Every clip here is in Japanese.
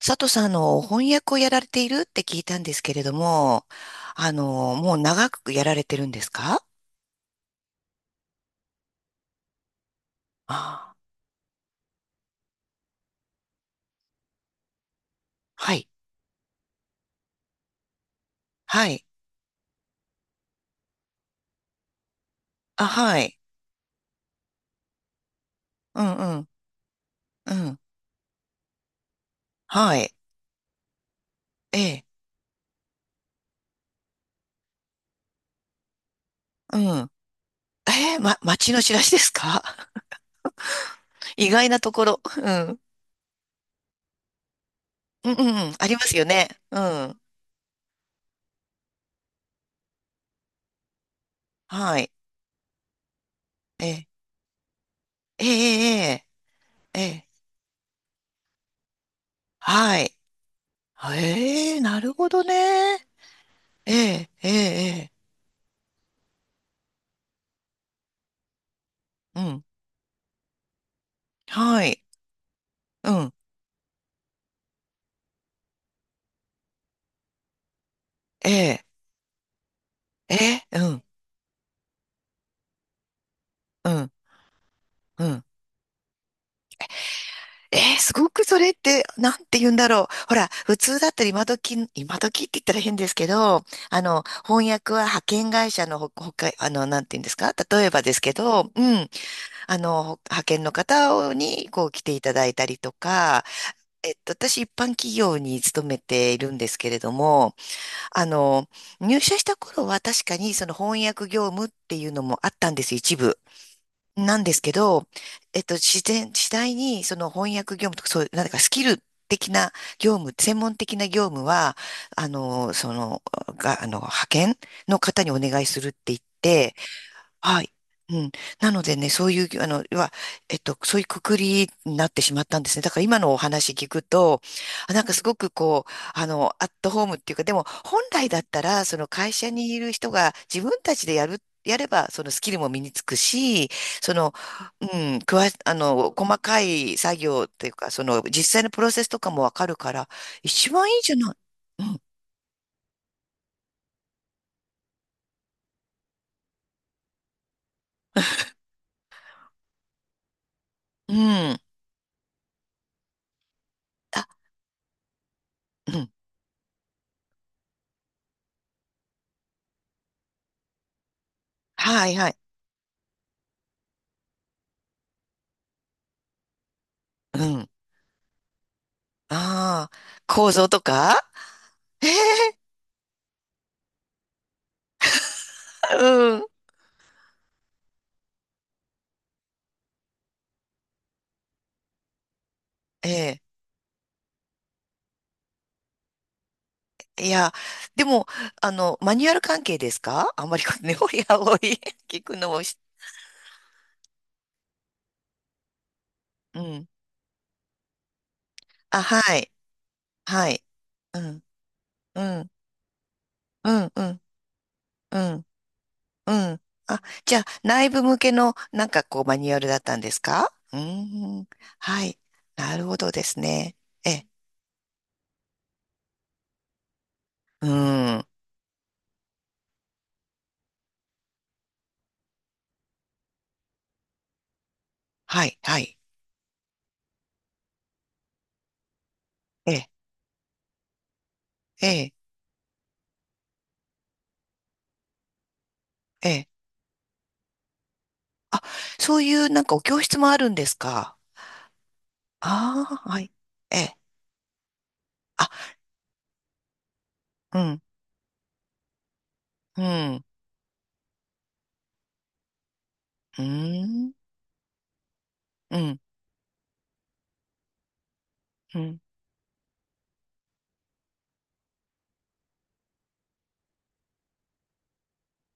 佐藤さん、翻訳をやられているって聞いたんですけれども、もう長くやられてるんですか？ああ、はい。はい。あ、はい。うん、うん、うん。はい。ええ、うん。え、街の知らしですか？ 意外なところ。うん。うん、うん、うんありますよね。うん。はい。ええ、ええ、ええ、ええはい。ええ、なるほどね。ええ、ええ、ええうん。はい。うん。ええ、ええ、うん。うん、うん。えー、すごくそれって、なんて言うんだろう。ほら、普通だったら今時、今時って言ったら変ですけど、翻訳は派遣会社のほか、なんて言うんですか？例えばですけど、うん、あの、派遣の方に、こう、来ていただいたりとか、私、一般企業に勤めているんですけれども、あの、入社した頃は確かに、その翻訳業務っていうのもあったんです、一部。なんですけど、次第にその翻訳業務とか、そういう、なんかスキル的な業務、専門的な業務は、あの、その、が、あの、派遣の方にお願いするって言って、はい。うん。なのでね、そういう、あの、要は、そういうくくりになってしまったんですね。だから今のお話聞くと、なんかすごくこう、アットホームっていうか、でも本来だったら、その会社にいる人が自分たちでやれば、そのスキルも身につくし、その、うん、くわ、あの、細かい作業っていうか、その、実際のプロセスとかもわかるから、一番いいじゃない。うん、うん、あ、うん、はい、はい、うん、ああ、構造とか。 ええうん。ええいや、でも、マニュアル関係ですか？ あんまりこうね、おやおい、聞くの、うん。あ、はい、はい。うん、うん、うん、うん、うん、うん。あ、じゃあ、内部向けの、なんかこう、マニュアルだったんですか？うーん、はい。なるほどですね。えうん。はい、はい。ええ、えあ、そういう、なんかお教室もあるんですか？ああー、はい。え。あうんうん。うん。うん。うん。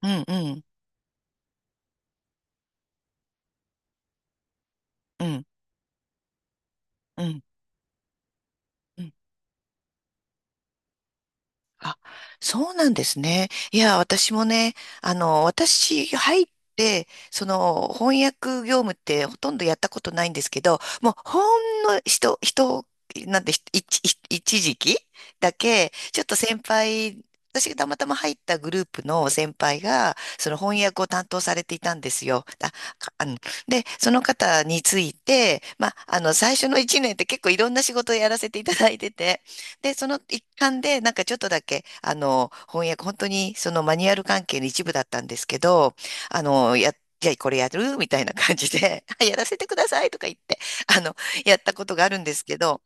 うん。うん。うん。うん。あ、そうなんですね。いや、私もね、私入って、その翻訳業務ってほとんどやったことないんですけど、もうほんのなんて、ひ一、一一時期だけ、ちょっと先輩、私がたまたま入ったグループの先輩が、その翻訳を担当されていたんですよ。あ、かあの、で、その方について、最初の一年って結構いろんな仕事をやらせていただいてて、で、その一環で、なんかちょっとだけ、翻訳、本当にそのマニュアル関係の一部だったんですけど、あの、や、じゃあこれやるみたいな感じで、やらせてくださいとか言って、あの、やったことがあるんですけど、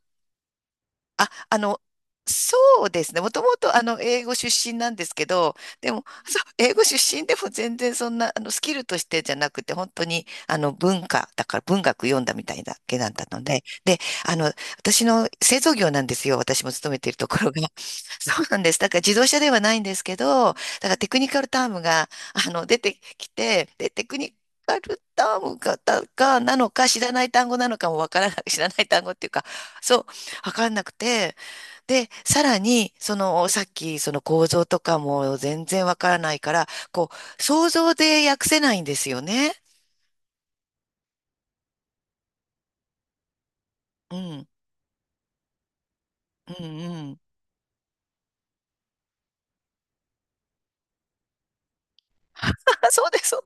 あ、あの、そうですね。もともと、英語出身なんですけど、でも、そう、英語出身でも全然そんな、スキルとしてじゃなくて、本当に、だから文学読んだみたいだけだったので、で、あの、私の製造業なんですよ。私も勤めているところが。そうなんです。だから自動車ではないんですけど、だからテクニカルタームが、出てきて、で、テクニカルタームが、だがなのか、知らない単語なのかもわからない、知らない単語っていうか、そう、わかんなくて、で、さらに、その、さっき、その構造とかも全然わからないから、こう、想像で訳せないんですよね。うん、うん、うん。そうです、そ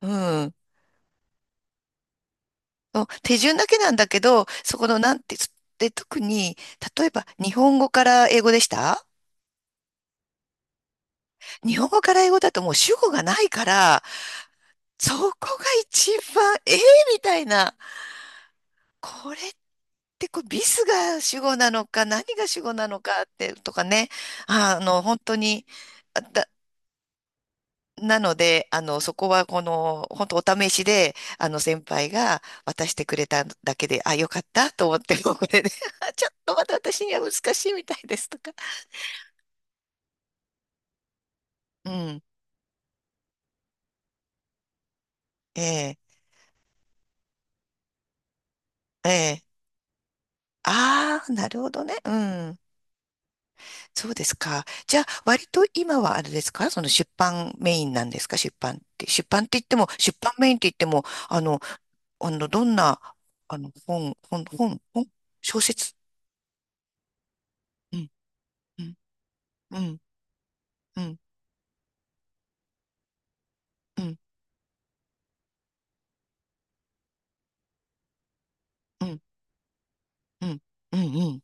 う。うん。そう手順だけなんだけど、そこのなんて、で、特に、例えば日本語から英語だともう主語がないから、そこが一番、ええみたいな、これってこうビスが主語なのか、何が主語なのかって、とかね、本当に、なので、そこはこの、本当お試しで、先輩が渡してくれただけで、あ、よかったと思って、もうこれで、あちょっとまだ私には難しいみたいですとか。うん。ええ、ええ。ああ、なるほどね。うん。そうですか。じゃあ、割と今はあれですか？その出版メインなんですか？出版って。出版って言っても、出版メインって言っても、あの、どんな、あの、本、小説。うん、うん、うん、うん、うん。うんうん、うん、うん、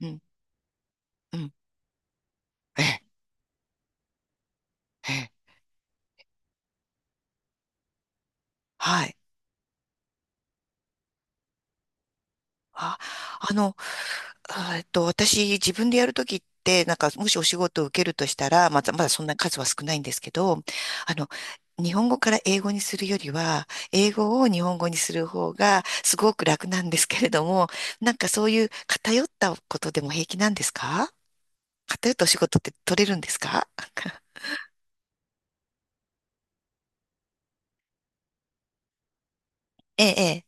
うん、うん。ええ、ええ、はい。あ、あの、えっと、私、自分でやるときって、なんか、もしお仕事を受けるとしたら、まだ、まだそんな数は少ないんですけど、あの、日本語から英語にするよりは、英語を日本語にする方が、すごく楽なんですけれども、なんかそういう偏ったことでも平気なんですか？偏ったお仕事って取れるんですか？ ええ、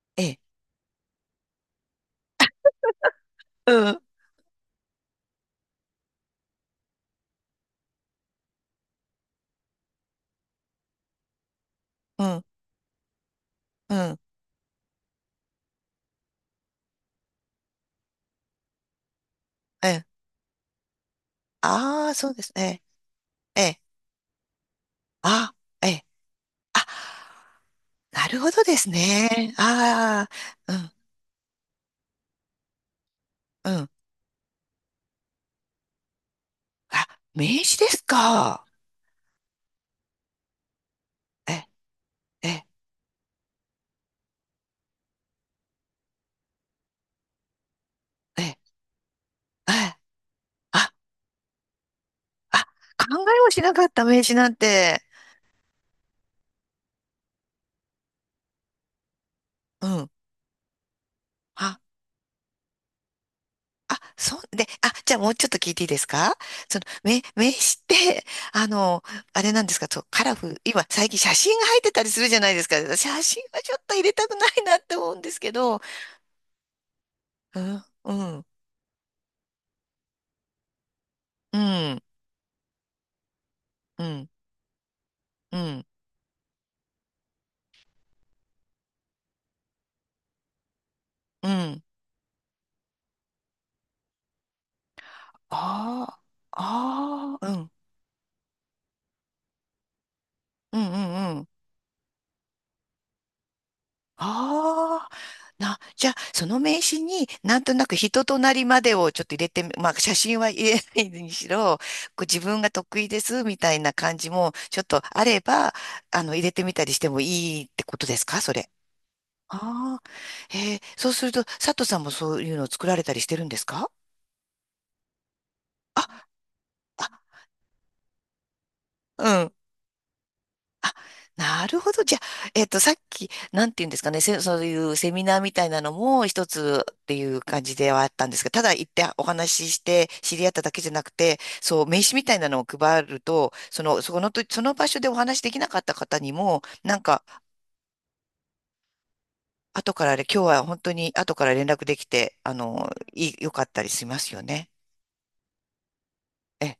ええ、ええ、うん、うん、うん、ええ。ああ、そうですね。ええあ、ええ。あ、なるほどですね。ああ、うん、うん。あ、名刺ですか？え、え、え、え、あ、あ、あ考えもしなかった名刺なんて。うん。あ、あ、そう、で、あ、じゃあもうちょっと聞いていいですか？その、名刺って、あの、あれなんですか、そう、カラフル、今、最近写真が入ってたりするじゃないですか。写真はちょっと入れたくないなって思うんですけど。うん、うん、うん、うん、うん、うん。ああ、ああ、うん、うんうんうん。ああ、じゃあ、その名刺になんとなく人となりまでをちょっと入れてみ、まあ、写真は入れないにしろ、こう自分が得意ですみたいな感じもちょっとあれば、入れてみたりしてもいいってことですか、それ。ああ、へえ、そうすると、佐藤さんもそういうのを作られたりしてるんですか？あ、あ、あなるほど。じゃあ、えっと、さっき、なんて言うんですかね、そういうセミナーみたいなのも一つっていう感じではあったんですが、ただ行ってお話しして知り合っただけじゃなくて、そう、名刺みたいなのを配ると、その場所でお話しできなかった方にも、なんか、後からあれ、今日は本当に後から連絡できて、あの、いい、良かったりしますよね。ええ